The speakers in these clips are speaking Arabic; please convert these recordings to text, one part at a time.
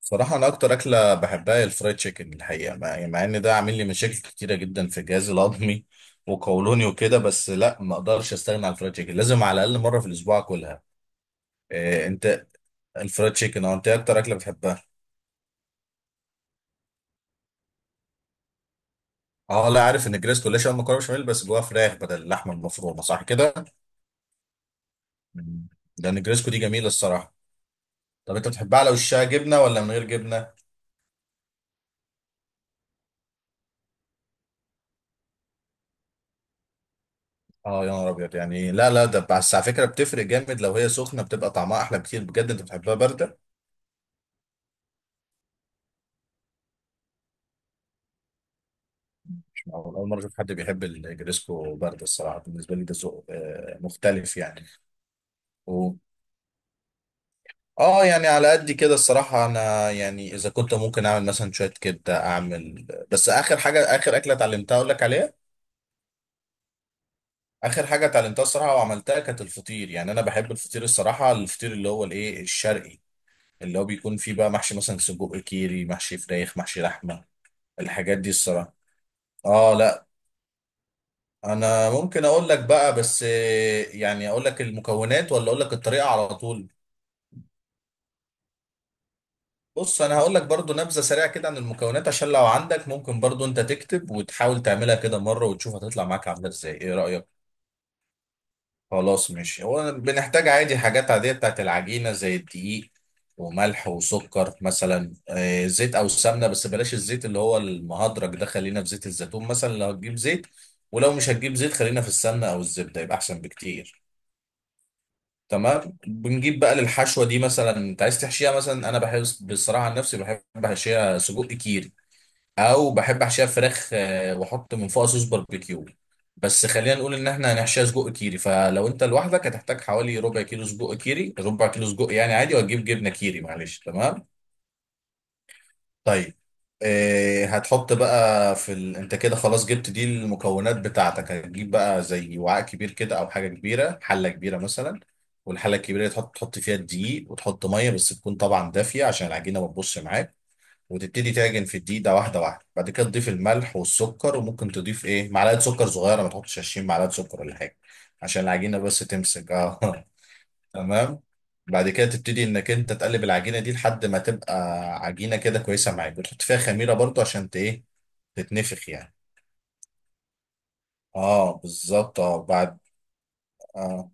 صراحة أنا أكتر أكلة بحبها هي الفرايد تشيكن الحقيقة يعني مع إن ده عامل لي مشاكل كتيرة جدا في جهازي الهضمي وقولوني وكده، بس لا، ما أقدرش أستغنى عن الفرايد تشيكن، لازم على الأقل مرة في الأسبوع أكلها. إيه أنت الفرايد تشيكن؟ أه، أنت إيه أكتر أكلة بتحبها؟ أه لا، عارف إن الجريسكو ليش مكرونة بشاميل بس جواها فراخ بدل اللحمة المفرومة، صح كده؟ مم. لأن الجريسكو دي جميلة الصراحة. طب أنت بتحبها على وشها جبنة ولا من غير جبنة؟ اه يا نهار ابيض، يعني لا لا، ده بس على فكره بتفرق جامد، لو هي سخنه بتبقى طعمها احلى بكتير بجد. انت بتحبها بارده؟ أول مرة أشوف حد بيحب الجريسكو برد، الصراحة بالنسبة لي ده ذوق مختلف يعني. و... آه يعني على قد كده الصراحة، أنا يعني إذا كنت ممكن أعمل مثلا شوية كبدة أعمل، بس آخر حاجة، آخر أكلة اتعلمتها أقول لك عليها. آخر حاجة اتعلمتها الصراحة وعملتها كانت الفطير، يعني أنا بحب الفطير الصراحة، الفطير اللي هو الإيه الشرقي، اللي هو بيكون فيه بقى محشي مثلا سجق كيري، محشي فراخ، محشي لحمة. الحاجات دي الصراحة. آه لا، انا ممكن اقول لك بقى بس، يعني اقول لك المكونات ولا اقول لك الطريقه على طول؟ بص انا هقول لك برضو نبذه سريعه كده عن المكونات، عشان لو عندك ممكن برضو انت تكتب وتحاول تعملها كده مره وتشوف هتطلع معاك عامله ازاي، ايه رايك؟ خلاص، ماشي. هو بنحتاج عادي حاجات عاديه بتاعت العجينه زي الدقيق وملح وسكر، مثلا زيت او سمنه، بس بلاش الزيت اللي هو المهدرج ده، خلينا في زيت الزيتون مثلا لو هتجيب زيت، ولو مش هتجيب زيت خلينا في السمنه او الزبده يبقى احسن بكتير. تمام، بنجيب بقى للحشوه دي، مثلا انت عايز تحشيها مثلا، انا بحب بصراحه عن نفسي بحب احشيها سجق كيري، او بحب احشيها فراخ واحط من فوقها صوص باربيكيو. بس خلينا نقول ان احنا هنحشيها سجق كيري، فلو انت لوحدك هتحتاج حوالي ربع كيلو سجق كيري، ربع كيلو سجق يعني عادي، وهتجيب جبنه كيري، معلش تمام؟ طيب، إيه هتحط بقى في انت كده خلاص جبت دي المكونات بتاعتك، هتجيب بقى زي وعاء كبير كده او حاجه كبيره، حله كبيره مثلا، والحله الكبيره دي تحط، تحط فيها الدقيق وتحط ميه، بس تكون طبعا دافيه عشان العجينه ما تبصش معاك، وتبتدي تعجن في الدقيق ده واحده واحده. بعد كده تضيف الملح والسكر، وممكن تضيف ايه معلقه سكر صغيره، ما تحطش 20 معلقه سكر ولا حاجه، عشان العجينه بس تمسك. اه تمام. بعد كده تبتدي انك انت تقلب العجينه دي لحد ما تبقى عجينه كده كويسه معاك، بتحط فيها خميره برضو عشان ايه، تتنفخ يعني. اه بالظبط، اه بعد آه.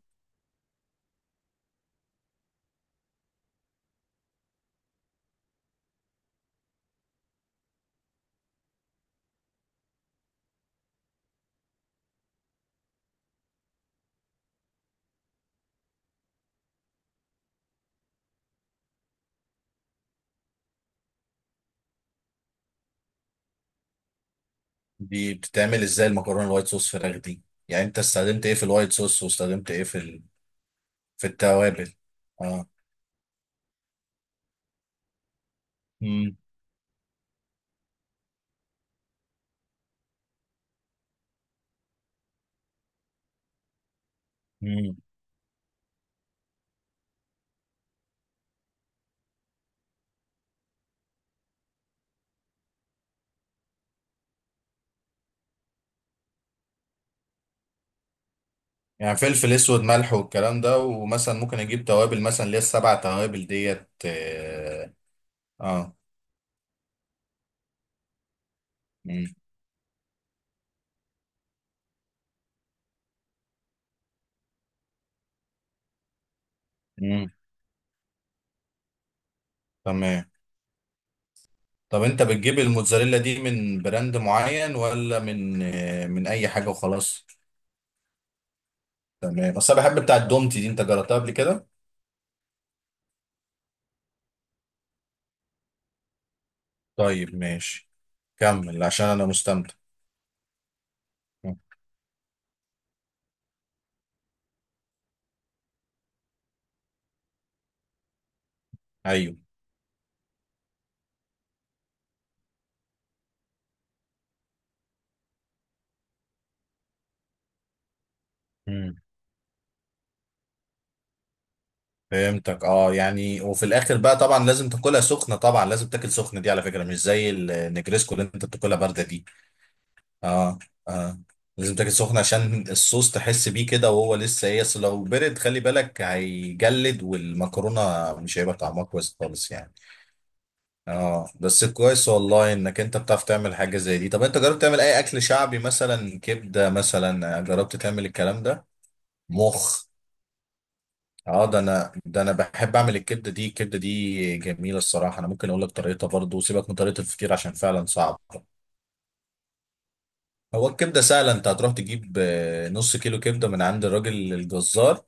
دي بتتعمل ازاي المكرونه الوايت صوص فراخ دي؟ يعني انت استخدمت ايه في الوايت صوص، واستخدمت ايه في في التوابل. اه. امم امم. يعني فلفل اسود ملح والكلام ده، ومثلا ممكن اجيب توابل مثلا اللي هي السبع توابل ديت. اه. اه. مم. مم. تمام. طب انت بتجيب الموتزاريلا دي من براند معين، ولا من من اي حاجه وخلاص؟ تمام، بس انا بحب بتاع الدومتي دي، انت جربتها قبل كده؟ طيب ماشي. كمل عشان انا مستمتع. مم. ايوه. مم. فهمتك، اه يعني وفي الاخر بقى طبعا لازم تاكلها سخنه، طبعا لازم تاكل سخنه، دي على فكره مش زي النجريسكو اللي انت بتاكلها بارده دي. اه. اه لازم تاكل سخنه عشان الصوص تحس بيه كده وهو لسه ايه، اصل لو برد خلي بالك هيجلد، والمكرونه مش هيبقى طعمها كويس خالص يعني. اه، بس كويس والله، انك انت بتعرف تعمل حاجة زي دي. طب انت جربت تعمل اي اكل شعبي، مثلا كبدة مثلا، جربت تعمل الكلام ده؟ مخ؟ اه ده انا، ده انا بحب اعمل الكبدة دي، الكبدة دي جميلة الصراحة، انا ممكن اقول لك طريقتها برضو، وسيبك من طريقة الفطير عشان فعلا صعب. هو الكبدة سهلة، انت هتروح تجيب نص كيلو كبدة من عند الراجل الجزار،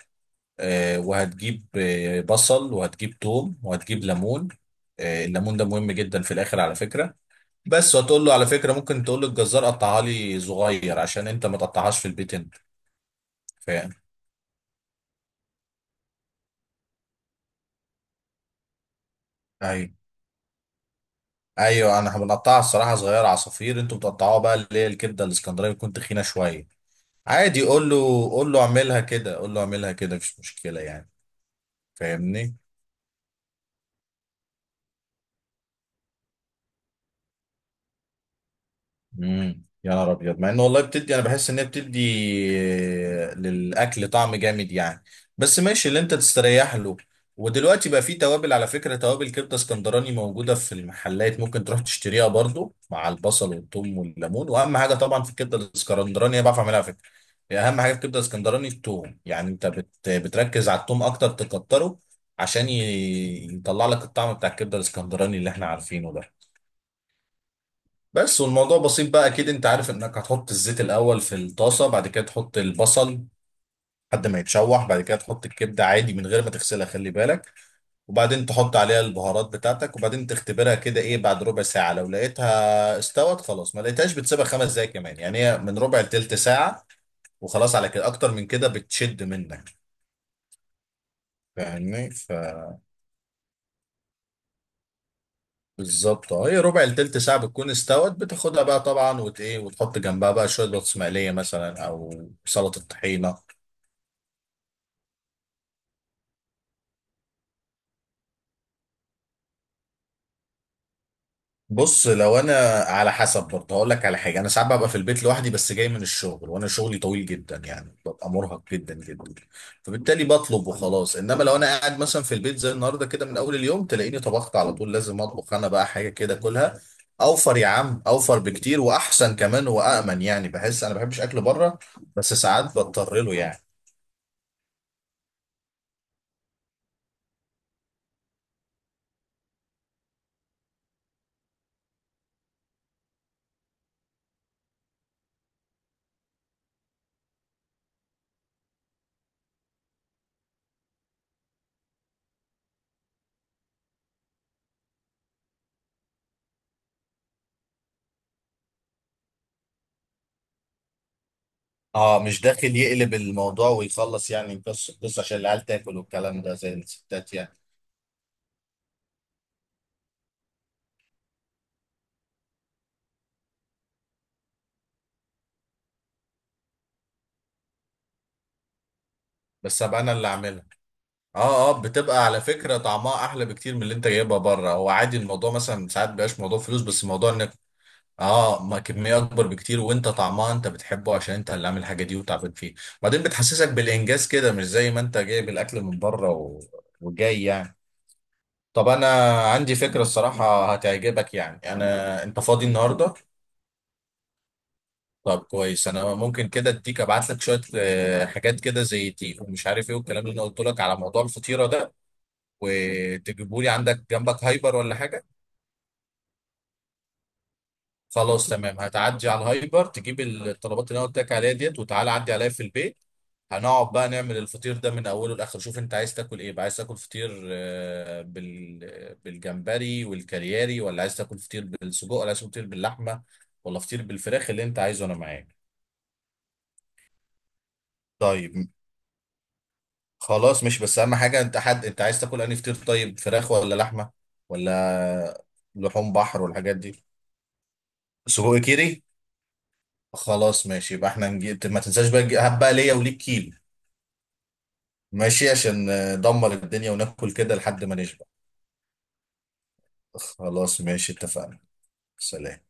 وهتجيب بصل وهتجيب توم وهتجيب ليمون. الليمون ده مهم جدا في الاخر على فكرة. بس وتقول له، على فكرة ممكن تقول للجزار قطعها لي صغير، عشان انت ما تقطعهاش في البيت انت، فاهم؟ ايوه ايوه انا بنقطعها الصراحة صغيرة عصافير، انتوا بتقطعوها بقى اللي هي الكبدة الاسكندرية بتكون تخينة شوية. عادي، قول له، قول له اعملها كده، قول له اعملها كده، مفيش مشكلة يعني. فاهمني. يا نهار ابيض، مع ان والله بتدي، انا بحس ان هي بتدي للاكل طعم جامد يعني، بس ماشي اللي انت تستريح له. ودلوقتي بقى في توابل على فكره، توابل كبده اسكندراني موجوده في المحلات، ممكن تروح تشتريها برضو مع البصل والثوم والليمون. واهم حاجه طبعا في الكبده الاسكندراني، انا بعرف اعملها على فكره. اهم حاجه في الكبده الاسكندراني الثوم، يعني انت بتركز على الثوم اكتر، تكتره عشان يطلع لك الطعم بتاع الكبده الاسكندراني اللي احنا عارفينه ده. بس، والموضوع بسيط بقى، اكيد انت عارف انك هتحط الزيت الاول في الطاسه، بعد كده تحط البصل لحد ما يتشوح، بعد كده تحط الكبده عادي من غير ما تغسلها، خلي بالك. وبعدين تحط عليها البهارات بتاعتك، وبعدين تختبرها كده، ايه بعد ربع ساعه لو لقيتها استوت خلاص، ما لقيتهاش بتسيبها خمس دقايق كمان، يعني هي من ربع لتلت ساعه وخلاص، على كده اكتر من كده بتشد منك. فاهمني؟ فبالظبط اه، هي ربع لتلت ساعه بتكون استوت، بتاخدها بقى طبعا وت ايه وتحط جنبها بقى شويه بطاطس مقليه مثلا، او سلطه طحينه. بص لو انا، على حسب برضه، هقول لك على حاجه، انا ساعات ببقى في البيت لوحدي بس جاي من الشغل، وانا شغلي طويل جدا يعني، ببقى مرهق جدا جدا، فبالتالي بطلب وخلاص. انما لو انا قاعد مثلا في البيت زي النهارده كده من اول اليوم، تلاقيني طبخت على طول، لازم اطبخ انا بقى حاجه كده كلها. اوفر يا عم، اوفر بكتير، واحسن كمان وامن. يعني بحس انا ما بحبش اكل بره، بس ساعات بضطر له يعني. اه، مش داخل يقلب الموضوع ويخلص يعني قصه قصه عشان العيال تاكل والكلام ده، زي الستات يعني. بس ابقى انا اللي اعملها. اه. اه بتبقى على فكرة طعمها احلى بكتير من اللي انت جايبها بره، هو عادي الموضوع مثلا ساعات بيبقاش موضوع فلوس، بس موضوع انك، اه، ما كمية اكبر بكتير، وانت طعمها انت بتحبه عشان انت اللي عامل الحاجة دي وتعبان فيه، وبعدين بتحسسك بالانجاز كده، مش زي ما انت جايب الاكل من بره وجاي يعني. طب انا عندي فكرة الصراحة هتعجبك، يعني انا، انت فاضي النهاردة؟ طب كويس، انا ممكن كده اديك، ابعت لك شوية حاجات كده زي دي ومش عارف ايه، والكلام اللي انا قلت لك على موضوع الفطيرة ده، وتجيبوا لي، عندك جنبك هايبر ولا حاجه؟ خلاص تمام، هتعدي على الهايبر تجيب الطلبات اللي انا قلت لك عليها ديت، وتعالى عدي عليا في البيت، هنقعد بقى نعمل الفطير ده من اوله لاخره. شوف انت عايز تاكل ايه بقى، عايز تاكل فطير بالجمبري والكارياري، ولا عايز تاكل فطير بالسجق، ولا عايز تاكل فطير باللحمه، ولا فطير بالفراخ؟ اللي انت عايزه انا معاك. طيب خلاص، مش بس اهم حاجه انت حد، انت عايز تاكل انهي فطير؟ طيب فراخ ولا لحمه ولا لحوم بحر والحاجات دي؟ سجق كيري؟ خلاص ماشي، يبقى احنا نجي... ما تنساش بقى نجي- هات بقى ليا وليك كيلو. ماشي، عشان ندمر الدنيا وناكل كده لحد ما نشبع. خلاص ماشي اتفقنا. سلام.